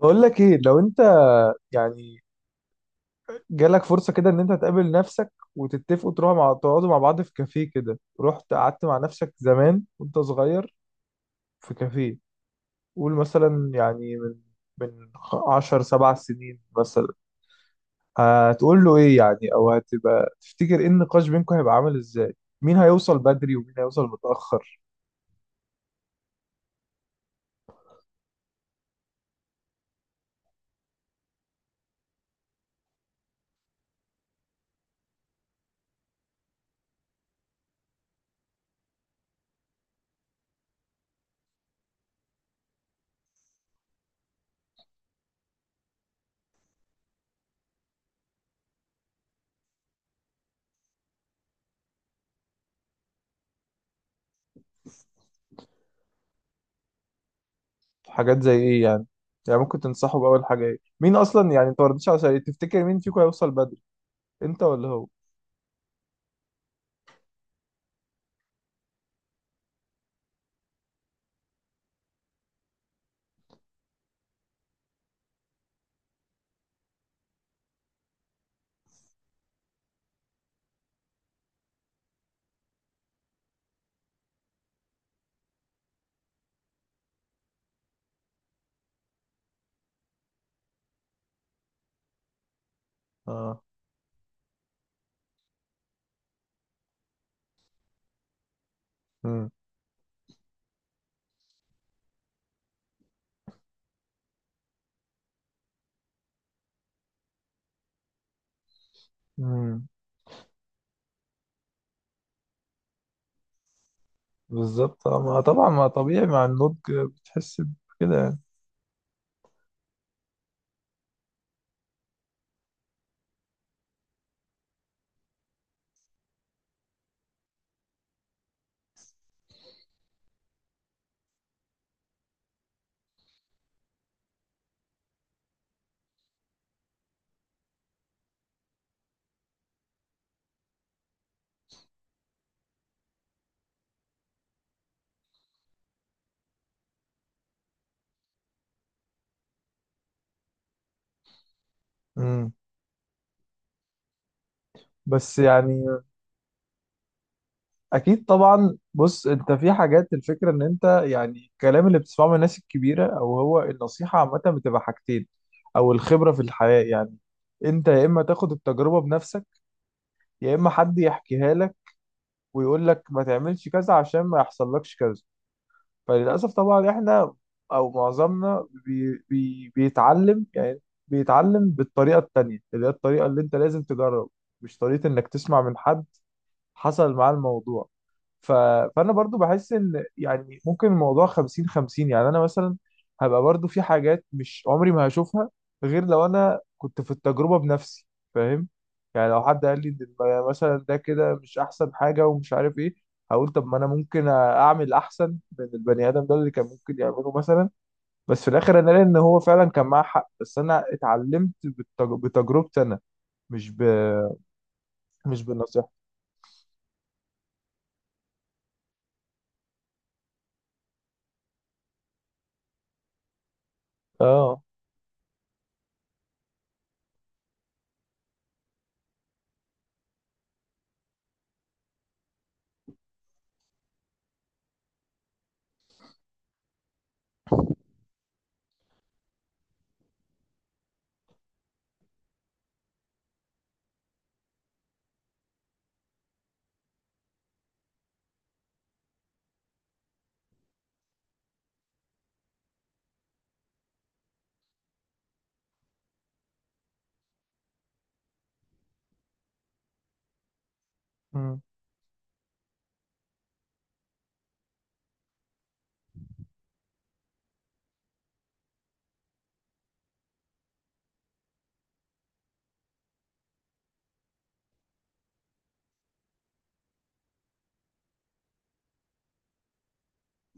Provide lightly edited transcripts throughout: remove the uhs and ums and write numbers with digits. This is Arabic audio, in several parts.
بقول لك ايه؟ لو انت يعني جالك فرصة كده ان انت تقابل نفسك وتتفقوا تروحوا مع تقعدوا مع بعض في كافيه كده، رحت قعدت مع نفسك زمان وانت صغير في كافيه، قول مثلا من 10 7 سنين مثلا، هتقول له ايه يعني؟ او هتبقى تفتكر ايه؟ النقاش بينكم هيبقى عامل ازاي؟ مين هيوصل بدري ومين هيوصل متأخر؟ حاجات زي ايه يعني؟ يعني ممكن تنصحه بأول حاجة ايه؟ مين اصلا، يعني انت ما ردتش على سؤالي، تفتكر مين فيكم هيوصل بدري؟ انت ولا هو؟ اه. امم. بالظبط آه، ما طبعا ما طبيعي مع النضج بتحس بكده يعني. امم. بس يعني اكيد طبعا. بص، انت في حاجات، الفكره ان انت يعني الكلام اللي بتسمعه من الناس الكبيره او هو النصيحه عامه بتبقى حاجتين، او الخبره في الحياه يعني، انت يا اما تاخد التجربه بنفسك، يا اما حد يحكيها لك ويقول لك ما تعملش كذا عشان ما يحصل لكش كذا. فللأسف طبعا احنا او معظمنا بي بي بيتعلم يعني، بيتعلم بالطريقة التانية اللي هي الطريقة اللي انت لازم تجرب، مش طريقة انك تسمع من حد حصل معاه الموضوع. ف... فانا برضو بحس ان يعني ممكن الموضوع 50 50 يعني. انا مثلا هبقى برضو في حاجات مش عمري ما هشوفها غير لو انا كنت في التجربة بنفسي، فاهم؟ يعني لو حد قال لي إن مثلا ده كده مش احسن حاجة ومش عارف ايه، هقول طب ما انا ممكن اعمل احسن من البني ادم ده اللي كان ممكن يعمله مثلا. بس في الاخر انا لقيت ان هو فعلا كان معاه حق، بس انا اتعلمت بتجربتي انا، مش ب... مش بالنصيحة. اه.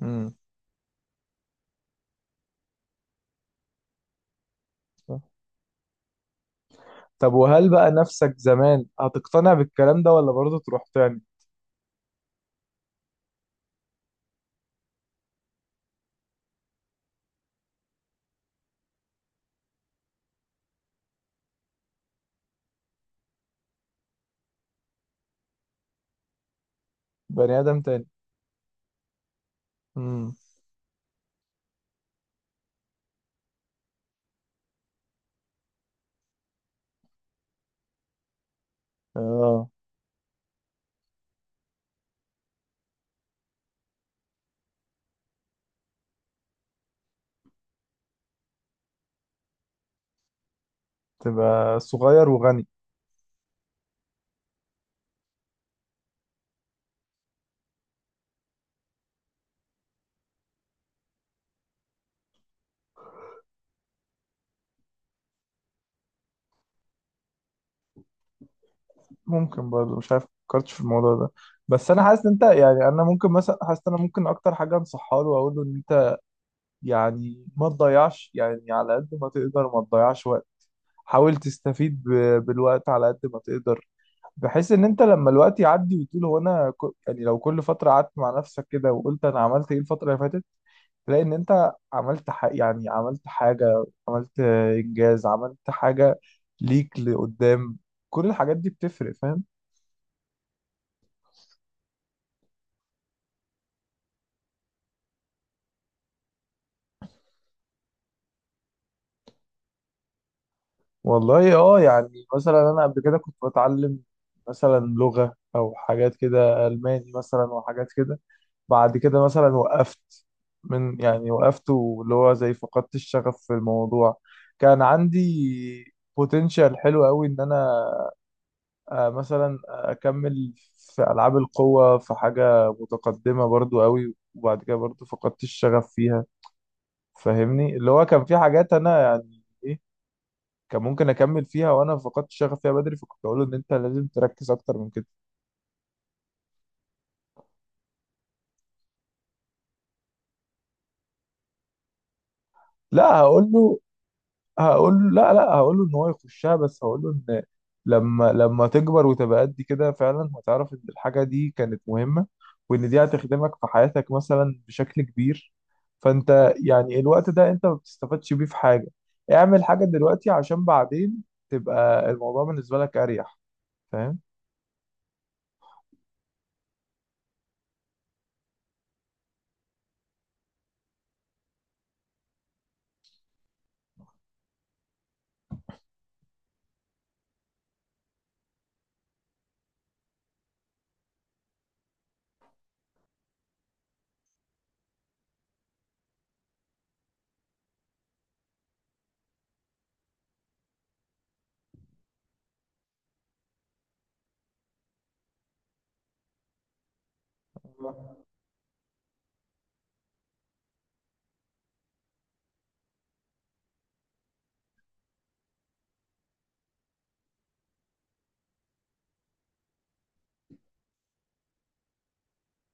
امم. صح. طب وهل بقى نفسك زمان هتقتنع بالكلام ده ولا برضه تروح تاني؟ بني آدم تاني. امم. اه. تبقى صغير وغني. ممكن برضه، مش عارف، فكرتش في الموضوع ده. بس انا حاسس ان انت يعني، انا ممكن مثلا، حاسس ان انا ممكن اكتر حاجه انصحها له واقول له ان انت يعني ما تضيعش، يعني على قد ما تقدر ما تضيعش وقت. حاول تستفيد بالوقت على قد ما تقدر، بحيث ان انت لما الوقت يعدي وتقول هو انا يعني لو كل فتره قعدت مع نفسك كده وقلت انا عملت ايه الفتره اللي فاتت، لان انت يعني عملت حاجه، عملت انجاز، عملت حاجه ليك لقدام، كل الحاجات دي بتفرق، فاهم؟ والله اه، يعني مثلا انا قبل كده كنت بتعلم مثلا لغه او حاجات كده، الماني مثلا وحاجات كده، بعد كده مثلا وقفت من يعني وقفت، واللي هو زي فقدت الشغف في الموضوع. كان عندي بوتنشال حلو قوي ان انا آه، مثلا اكمل في العاب القوه، في حاجه متقدمه برضو قوي، وبعد كده برضو فقدت الشغف فيها. فاهمني؟ اللي هو كان في حاجات انا يعني ايه، كان ممكن اكمل فيها وانا فقدت الشغف فيها بدري، فكنت اقول له ان انت لازم تركز اكتر من كده. لا هقول له، هقول له لا لا، هقول له ان هو يخشها، بس هقول له ان لما تكبر وتبقى قد كده فعلا هتعرف ان الحاجه دي كانت مهمه، وان دي هتخدمك في حياتك مثلا بشكل كبير. فانت يعني الوقت ده انت ما بتستفادش بيه في حاجه. اعمل حاجه دلوقتي عشان بعدين تبقى الموضوع بالنسبه لك اريح، فاهم؟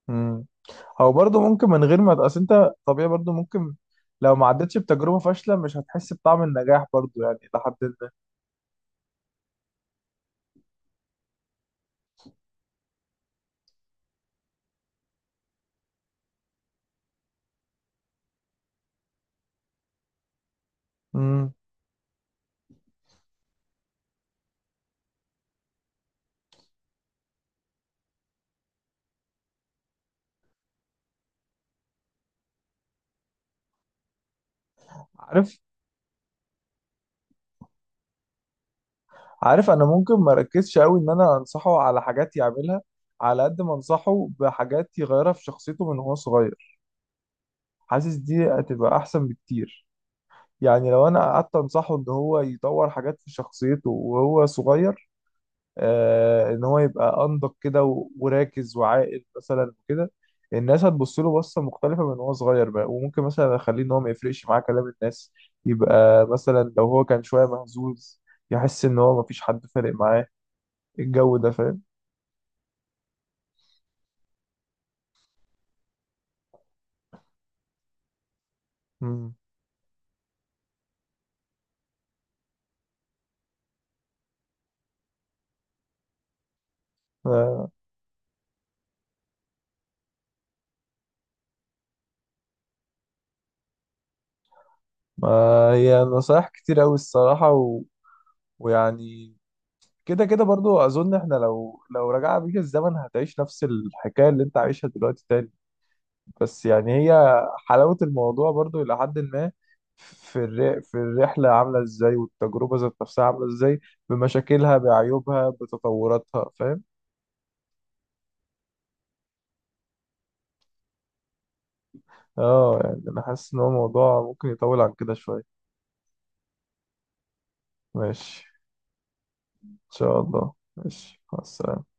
امم. هو برضه ممكن من غير ما، اصل انت طبيعي برضه ممكن لو ما عدتش بتجربه فاشله مش هتحس بطعم النجاح برضه يعني، لحد ما. امم. عارف. عارف. انا ممكن ما اركزش قوي ان انا انصحه على حاجات يعملها، على قد ما انصحه بحاجات يغيرها في شخصيته من هو صغير، حاسس دي هتبقى احسن بكتير. يعني لو انا قعدت انصحه ان هو يطور حاجات في شخصيته وهو صغير، آه ان هو يبقى انضج كده وراكز وعاقل مثلا وكده، الناس هتبص له بصة مختلفة من هو صغير بقى. وممكن مثلا اخليه ان هو ما يفرقش معاه كلام الناس، يبقى مثلا لو هو كان شوية مهزوز يحس ان هو مفيش حد فارق معاه الجو ده، فاهم؟ مم. آه، ما هي نصايح كتير أوي الصراحة ويعني كده كده برضو. أظن إحنا لو رجع بيك الزمن هتعيش نفس الحكاية اللي أنت عايشها دلوقتي تاني. بس يعني هي حلاوة الموضوع برضو إلى حد ما في في الرحلة عاملة إزاي، والتجربة ذات نفسها عاملة إزاي، بمشاكلها بعيوبها بتطوراتها، فاهم؟ آه يعني أنا حاسس إن هو موضوع ممكن يطول عن كده شوية. ماشي. إن شاء الله، ماشي، مع السلامة.